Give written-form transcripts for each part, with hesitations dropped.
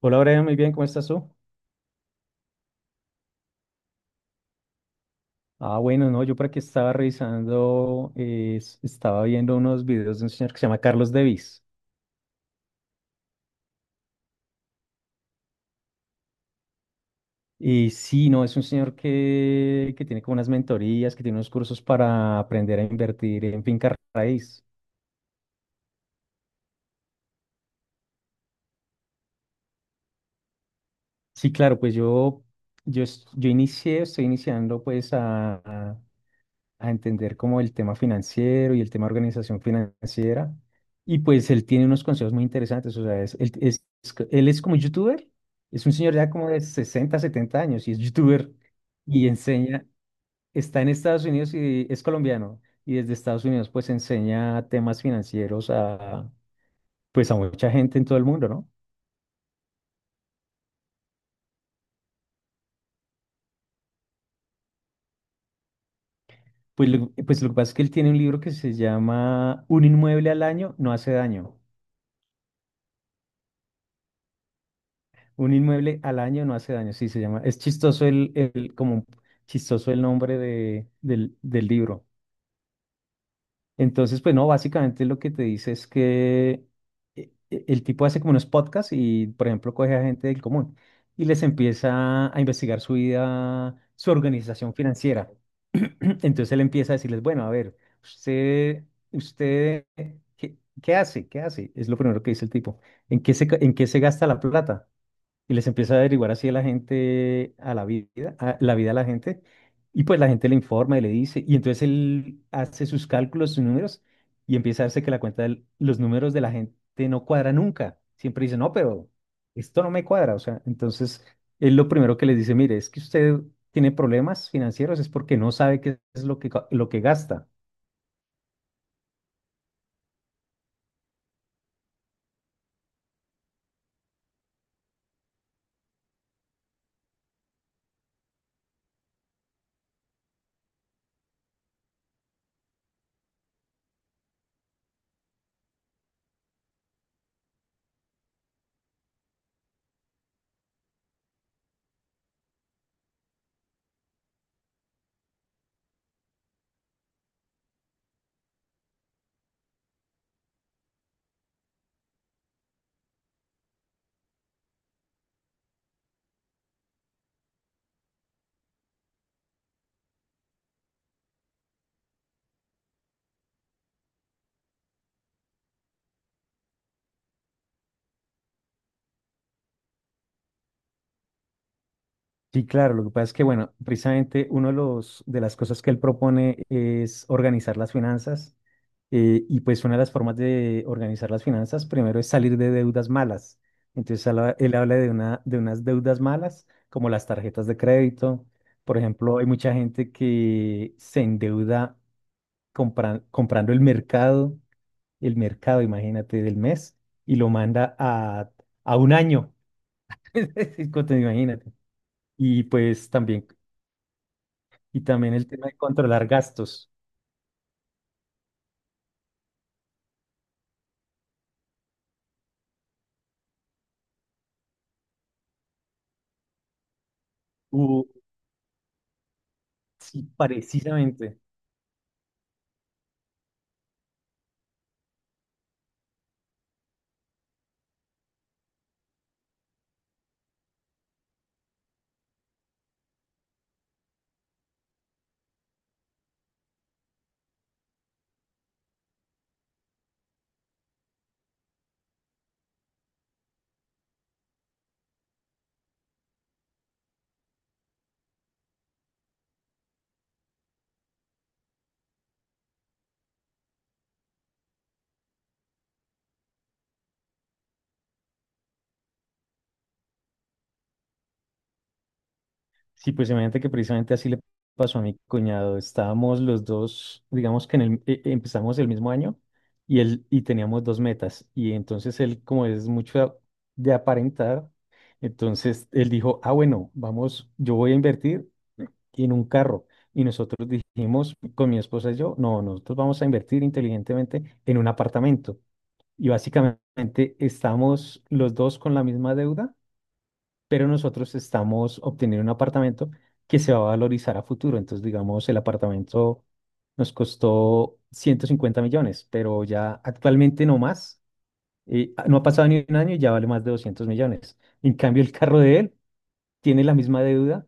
Hola, Brian, muy bien, ¿cómo estás tú? Ah, bueno, no, yo por aquí estaba revisando, estaba viendo unos videos de un señor que se llama Carlos Devis. Y sí, no, es un señor que tiene como unas mentorías, que tiene unos cursos para aprender a invertir en finca raíz. Sí, claro, pues yo inicié, estoy iniciando pues a entender como el tema financiero y el tema organización financiera. Y pues él tiene unos consejos muy interesantes. O sea, él es como youtuber, es un señor ya como de 60 70 años y es youtuber y enseña, está en Estados Unidos y es colombiano. Y desde Estados Unidos pues enseña temas financieros a mucha gente en todo el mundo, ¿no? Pues lo que pasa es que él tiene un libro que se llama Un inmueble al año no hace daño. Un inmueble al año no hace daño, sí se llama. Es chistoso como chistoso el nombre del libro. Entonces, pues no, básicamente lo que te dice es que el tipo hace como unos podcasts y, por ejemplo, coge a gente del común y les empieza a investigar su vida, su organización financiera. Entonces él empieza a decirles, bueno, a ver, usted, usted, ¿qué, qué hace? ¿Qué hace? Es lo primero que dice el tipo. ¿En qué se gasta la plata? Y les empieza a averiguar así a la gente, a la vida, a la vida a la gente, y pues la gente le informa y le dice, y entonces él hace sus cálculos, sus números, y empieza a darse que la cuenta de los números de la gente no cuadra nunca. Siempre dice, no, pero esto no me cuadra. O sea, entonces él lo primero que les dice, mire, es que usted tiene problemas financieros, es porque no sabe qué es lo que gasta. Sí, claro, lo que pasa es que, bueno, precisamente uno de las cosas que él propone es organizar las finanzas, y pues una de las formas de organizar las finanzas primero es salir de deudas malas. Entonces él habla de unas deudas malas como las tarjetas de crédito. Por ejemplo, hay mucha gente que se endeuda comprando el mercado, imagínate, del mes y lo manda a un año. Imagínate. Y pues también Y también el tema de controlar gastos. Uh, sí, precisamente. Sí, pues imagínate que precisamente así le pasó a mi cuñado. Estábamos los dos, digamos que en el, e- e- empezamos el mismo año y teníamos dos metas. Y entonces él, como es mucho de aparentar, entonces él dijo, ah, bueno, vamos, yo voy a invertir en un carro. Y nosotros dijimos, con mi esposa y yo, no, nosotros vamos a invertir inteligentemente en un apartamento. Y básicamente estamos los dos con la misma deuda, pero nosotros estamos obteniendo un apartamento que se va a valorizar a futuro. Entonces, digamos, el apartamento nos costó 150 millones, pero ya actualmente no más. No ha pasado ni un año y ya vale más de 200 millones. En cambio, el carro de él tiene la misma deuda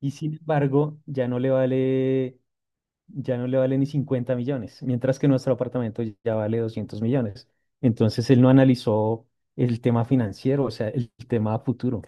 y sin embargo ya no le vale ni 50 millones, mientras que nuestro apartamento ya vale 200 millones. Entonces él no analizó el tema financiero, o sea, el tema a futuro.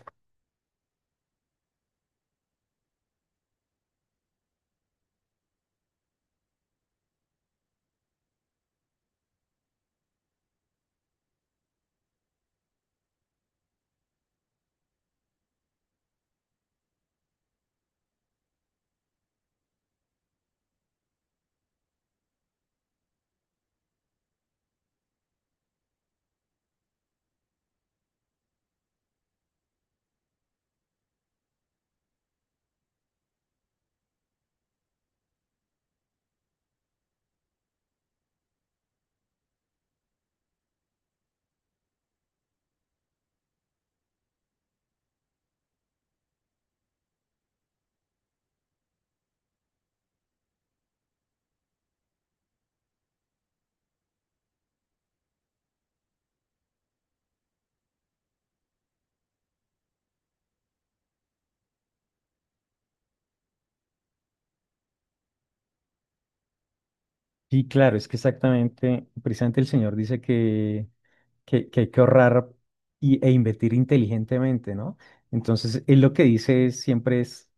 Y claro, es que exactamente, precisamente el señor dice que hay que ahorrar e invertir inteligentemente, ¿no? Entonces él lo que dice es, siempre es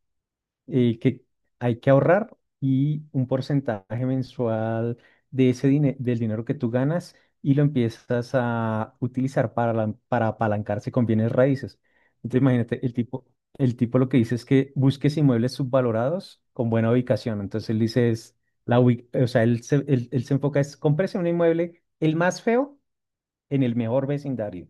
eh, que hay que ahorrar y un porcentaje mensual de del dinero que tú ganas y lo empiezas a utilizar para apalancarse con bienes raíces. Entonces, imagínate, el tipo lo que dice es que busques inmuebles subvalorados con buena ubicación. Entonces, él dice, o sea, él se enfoca es comprarse un inmueble el más feo en el mejor vecindario.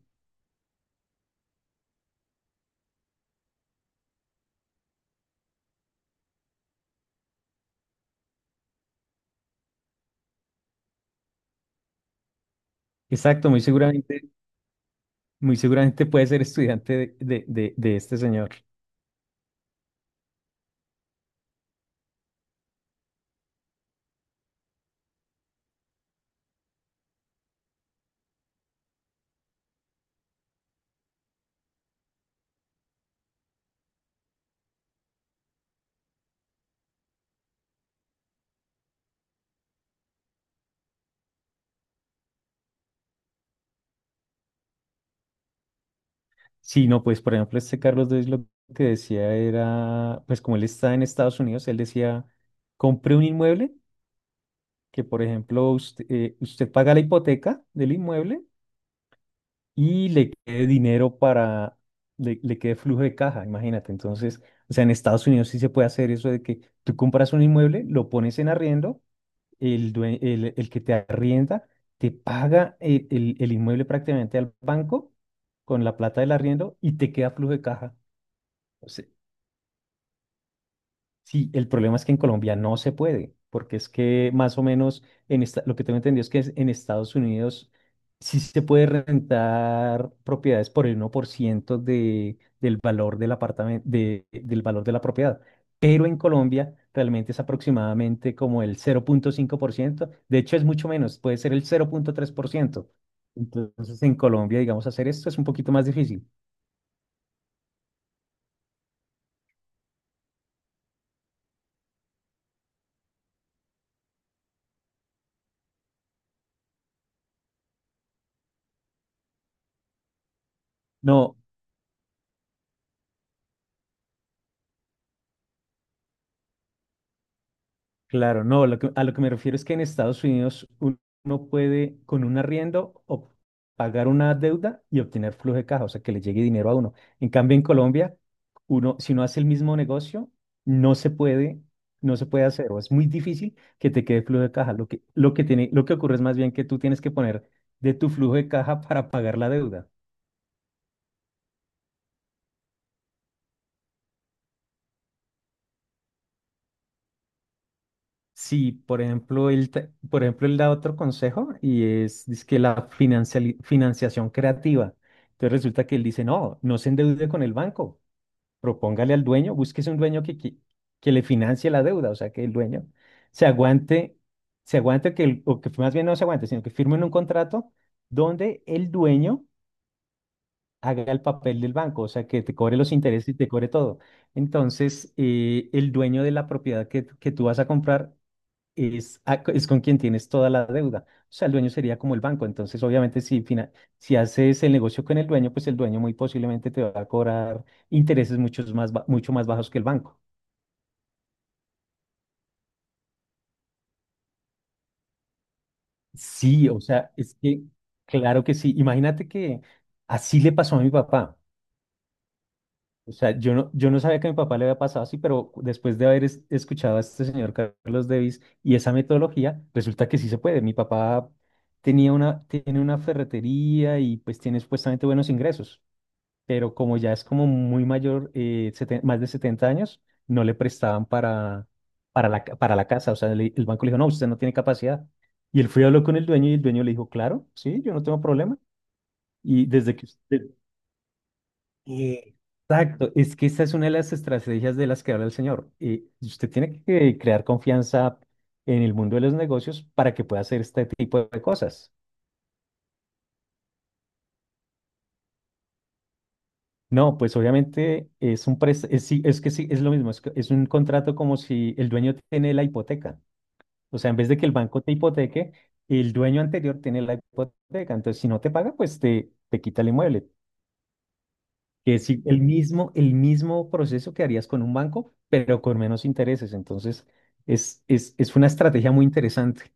Exacto, muy seguramente puede ser estudiante de este señor. Sí, no, pues por ejemplo, este Carlos Dweck lo que decía era, pues como él está en Estados Unidos, él decía, compre un inmueble, que por ejemplo usted paga la hipoteca del inmueble y le quede dinero le quede flujo de caja, imagínate. Entonces, o sea, en Estados Unidos sí se puede hacer eso de que tú compras un inmueble, lo pones en arriendo, el que te arrienda te paga el inmueble prácticamente al banco con la plata del arriendo y te queda flujo de caja. Sí, el problema es que en Colombia no se puede, porque es que más o menos lo que tengo entendido es en Estados Unidos sí se puede rentar propiedades por el 1% del valor del apartamento, del valor de la propiedad, pero en Colombia realmente es aproximadamente como el 0,5%, de hecho es mucho menos, puede ser el 0,3%. Entonces en Colombia, digamos, hacer esto es un poquito más difícil. No, claro, no, a lo que me refiero es que en Estados Unidos uno puede con un arriendo o pagar una deuda y obtener flujo de caja, o sea, que le llegue dinero a uno. En cambio, en Colombia, uno, si no hace el mismo negocio, no se puede, no se puede hacer, o es muy difícil que te quede flujo de caja. Lo que ocurre es más bien que tú tienes que poner de tu flujo de caja para pagar la deuda. Sí, por ejemplo, él da otro consejo y es, que la financiación creativa. Entonces resulta que él dice, no, no se endeude con el banco, propóngale al dueño, búsquese un dueño que le financie la deuda, o sea, que el dueño se aguante, se aguante, o que más bien no se aguante, sino que firmen un contrato donde el dueño haga el papel del banco, o sea, que te cobre los intereses y te cobre todo. Entonces, el dueño de la propiedad que tú vas a comprar es con quien tienes toda la deuda. O sea, el dueño sería como el banco. Entonces, obviamente, si haces el negocio con el dueño, pues el dueño muy posiblemente te va a cobrar intereses mucho más bajos que el banco. Sí, o sea, es que, claro que sí. Imagínate que así le pasó a mi papá. O sea, yo no sabía que a mi papá le había pasado así, pero después de haber escuchado a este señor Carlos Davis y esa metodología, resulta que sí se puede. Mi papá tiene una ferretería y pues tiene supuestamente buenos ingresos, pero como ya es como muy mayor, más de 70 años, no le prestaban para la casa. O sea, el banco le dijo, no, usted no tiene capacidad. Y él fue y habló con el dueño y el dueño le dijo, claro, sí, yo no tengo problema. Y desde que usted... Exacto, es que esta es una de las estrategias de las que habla el señor. Y usted tiene que crear confianza en el mundo de los negocios para que pueda hacer este tipo de cosas. No, pues obviamente es un pres- es, sí, es que sí, es lo mismo, es un contrato como si el dueño tiene la hipoteca. O sea, en vez de que el banco te hipoteque, el dueño anterior tiene la hipoteca. Entonces, si no te paga, pues te quita el inmueble. Que el mismo, proceso que harías con un banco, pero con menos intereses. Entonces, es una estrategia muy interesante.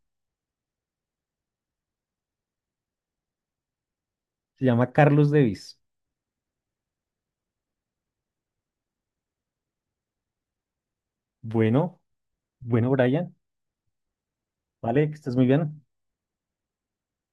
Se llama Carlos Davis. Bueno, bueno, Brian, vale, que estés muy bien.